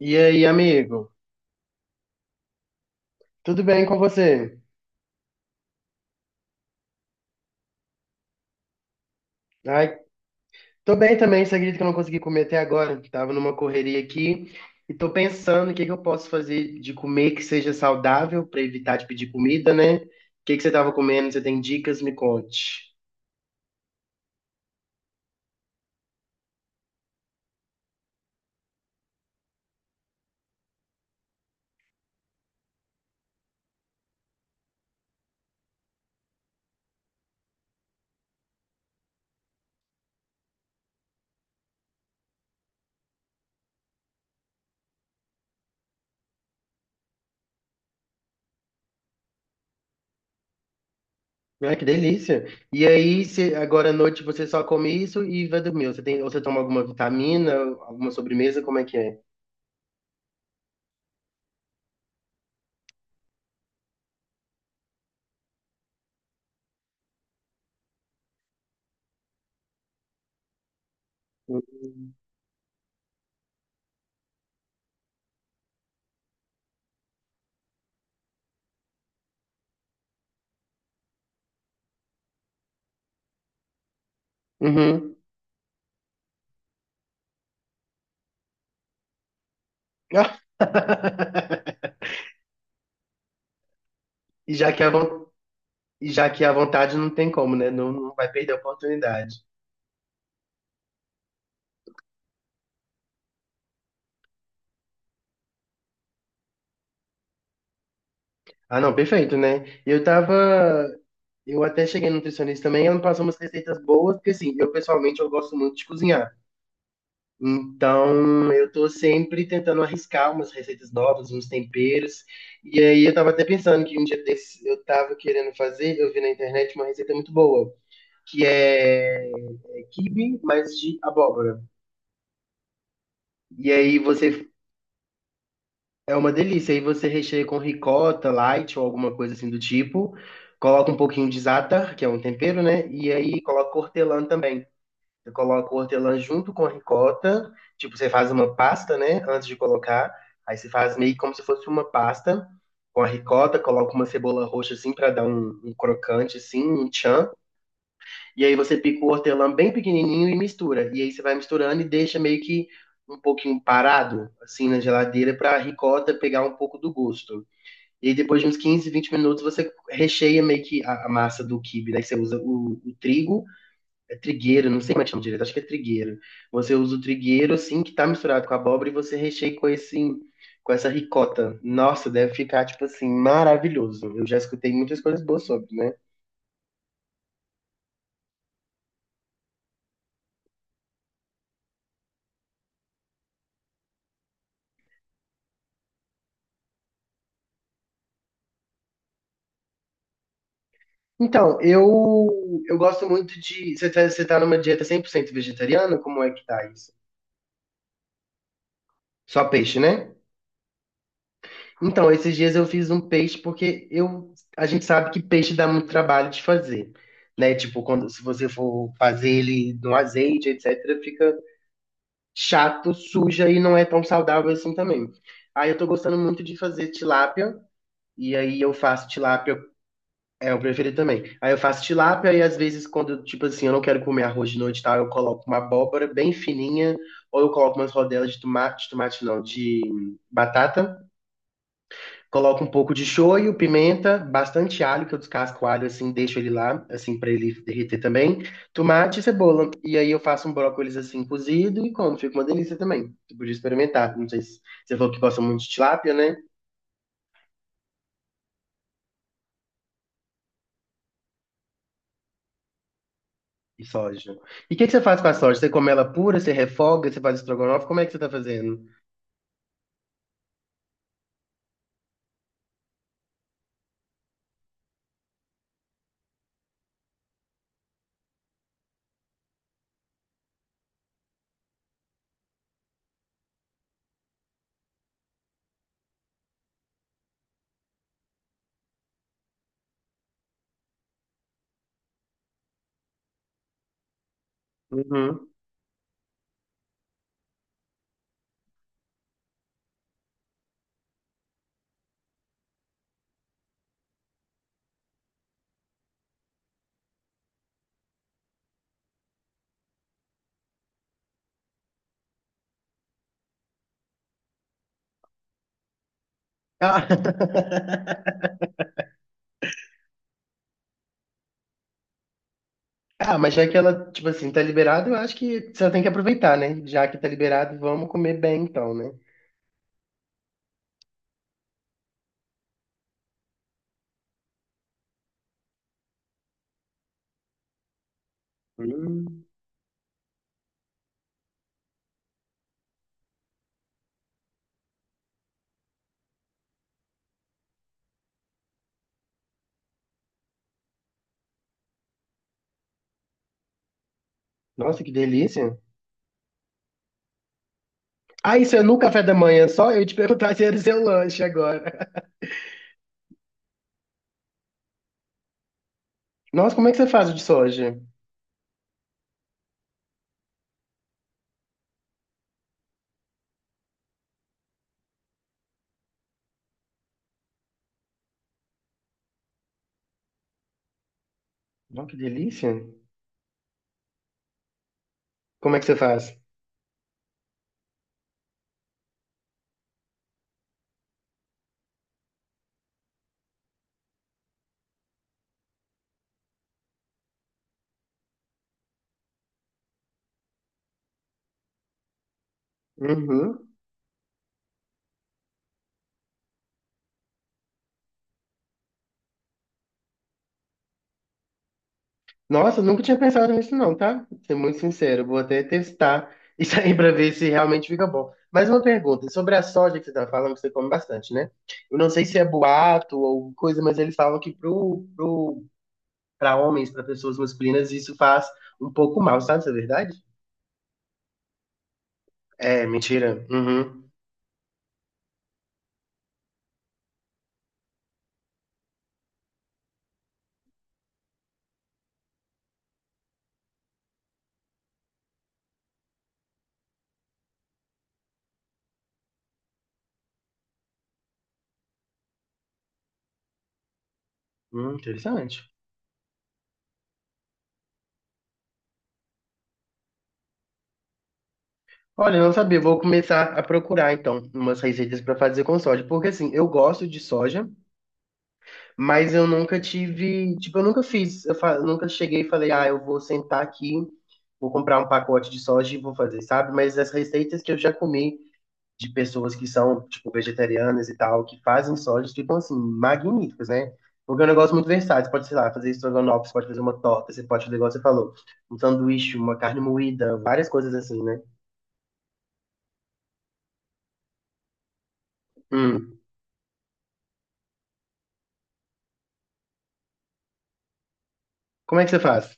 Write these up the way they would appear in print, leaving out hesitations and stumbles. E aí, amigo? Tudo bem com você? Ai, tô bem também, você acredita que eu não consegui comer até agora? Tava numa correria aqui e tô pensando o que que eu posso fazer de comer que seja saudável pra evitar de pedir comida, né? O que que você tava comendo? Você tem dicas? Me conte. Ai, que delícia. E aí, se agora à noite você só come isso e vai dormir? Você tem, ou você toma alguma vitamina, alguma sobremesa? Como é que é? Uhum. E já que é a vontade. E já que a vontade não tem como, né? Não, não vai perder a oportunidade. Ah, não, perfeito, né? Eu tava. Eu até cheguei no nutricionista também, ela me passou umas receitas boas, porque assim, eu pessoalmente eu gosto muito de cozinhar. Então, eu tô sempre tentando arriscar umas receitas novas, uns temperos. E aí eu tava até pensando que um dia desses eu tava querendo fazer, eu vi na internet uma receita muito boa, que é quibe, mas de abóbora. E aí você É uma delícia. Aí você recheia com ricota, light ou alguma coisa assim do tipo. Coloca um pouquinho de za'atar, que é um tempero, né? E aí coloca hortelã também. Você coloca o hortelã junto com a ricota. Tipo, você faz uma pasta, né? Antes de colocar. Aí você faz meio como se fosse uma pasta com a ricota. Coloca uma cebola roxa assim pra dar um crocante, assim, um tchan. E aí você pica o hortelã bem pequenininho e mistura. E aí você vai misturando e deixa meio que um pouquinho parado, assim, na geladeira, para a ricota pegar um pouco do gosto. E aí depois de uns 15 a 20 minutos, você recheia meio que a massa do quibe, né? Você usa o trigo, é trigueiro, não sei como é que chama direito, acho que é trigueiro. Você usa o trigueiro, assim, que tá misturado com a abóbora e você recheia com esse... Com essa ricota. Nossa, deve ficar, tipo assim, maravilhoso. Eu já escutei muitas coisas boas sobre, né? Então, eu gosto muito de. Você tá numa dieta 100% vegetariana? Como é que tá isso? Só peixe, né? Então, esses dias eu fiz um peixe porque a gente sabe que peixe dá muito trabalho de fazer, né? Tipo, quando, se você for fazer ele no azeite, etc., fica chato, suja e não é tão saudável assim também. Aí eu tô gostando muito de fazer tilápia, e aí eu faço tilápia É o preferido também. Aí eu faço tilápia e às vezes quando, tipo assim, eu não quero comer arroz de noite e tal, eu coloco uma abóbora bem fininha, ou eu coloco umas rodelas de tomate não, de batata, coloco um pouco de shoyu, pimenta, bastante alho, que eu descasco o alho assim, deixo ele lá, assim, pra ele derreter também, tomate e cebola. E aí eu faço um brócolis assim, cozido e como, fica uma delícia também. Você podia experimentar, não sei se você falou que gosta muito de tilápia, né? E soja. E o que que você faz com a soja? Você come ela pura, você refoga, você faz estrogonofe? Como é que você tá fazendo? Uhum. Ah. Ah, mas já que ela, tipo assim, tá liberada, eu acho que você tem que aproveitar, né? Já que tá liberado, vamos comer bem então, né? Hum. Nossa, que delícia. Ah, isso é no café da manhã só? Eu ia te perguntar se era o seu lanche agora. Nossa, como é que você faz o de soja? Nossa, que delícia. Como é que você faz? Uhum. Nossa, nunca tinha pensado nisso não, tá? Vou ser muito sincero, vou até testar isso aí pra ver se realmente fica bom. Mais uma pergunta, sobre a soja que você tá falando, que você come bastante, né? Eu não sei se é boato ou coisa, mas eles falam que pra homens, pra pessoas masculinas, isso faz um pouco mal, sabe? Isso é verdade? É, mentira. Uhum. Interessante. Olha, eu não sabia, vou começar a procurar então umas receitas para fazer com soja, porque assim, eu gosto de soja, mas eu nunca tive, tipo, eu nunca fiz, nunca cheguei e falei, ah, eu vou sentar aqui, vou comprar um pacote de soja e vou fazer, sabe? Mas as receitas que eu já comi de pessoas que são, tipo, vegetarianas e tal, que fazem soja, ficam, assim, magníficas, né? Porque é um negócio muito versátil, você pode, sei lá, fazer estrogonofe, você pode fazer uma torta, você pode fazer, igual você falou, um sanduíche, uma carne moída, várias coisas assim, né? Hum. Como é que você faz?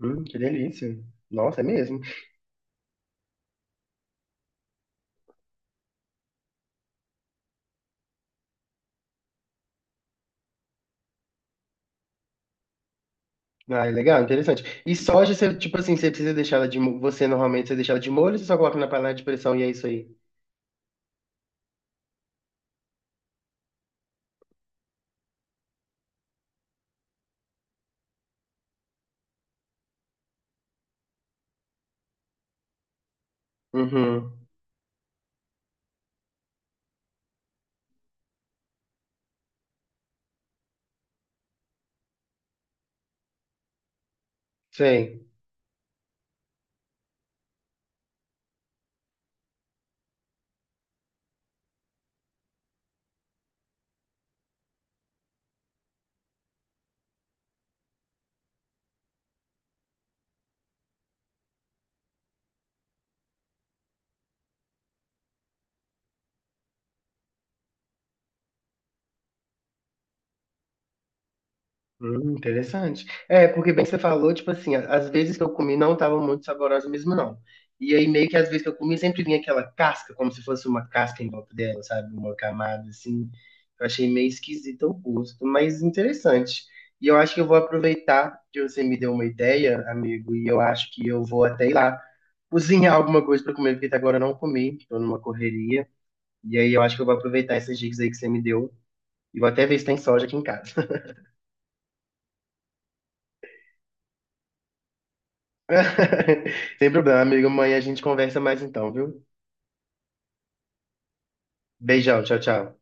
Que delícia. Nossa, é mesmo. Ah, é legal, interessante. E soja, você, tipo assim, você precisa deixar ela você, normalmente, você deixa ela de molho, você só coloca na panela de pressão e é isso aí. Uhum, sei. Interessante. É, porque bem que você falou, tipo assim, as vezes que eu comi não estavam muito saborosas mesmo, não. E aí, meio que as vezes que eu comi, sempre vinha aquela casca, como se fosse uma casca em volta dela, sabe? Uma camada, assim. Eu achei meio esquisito o gosto, mas interessante. E eu acho que eu vou aproveitar que você me deu uma ideia, amigo, e eu acho que eu vou até ir lá cozinhar alguma coisa pra comer, porque até agora eu não comi, tô numa correria. E aí, eu acho que eu vou aproveitar essas dicas aí que você me deu. E vou até ver se tem soja aqui em casa. Sem problema, amigo. Amanhã a gente conversa mais então, viu? Beijão, tchau, tchau.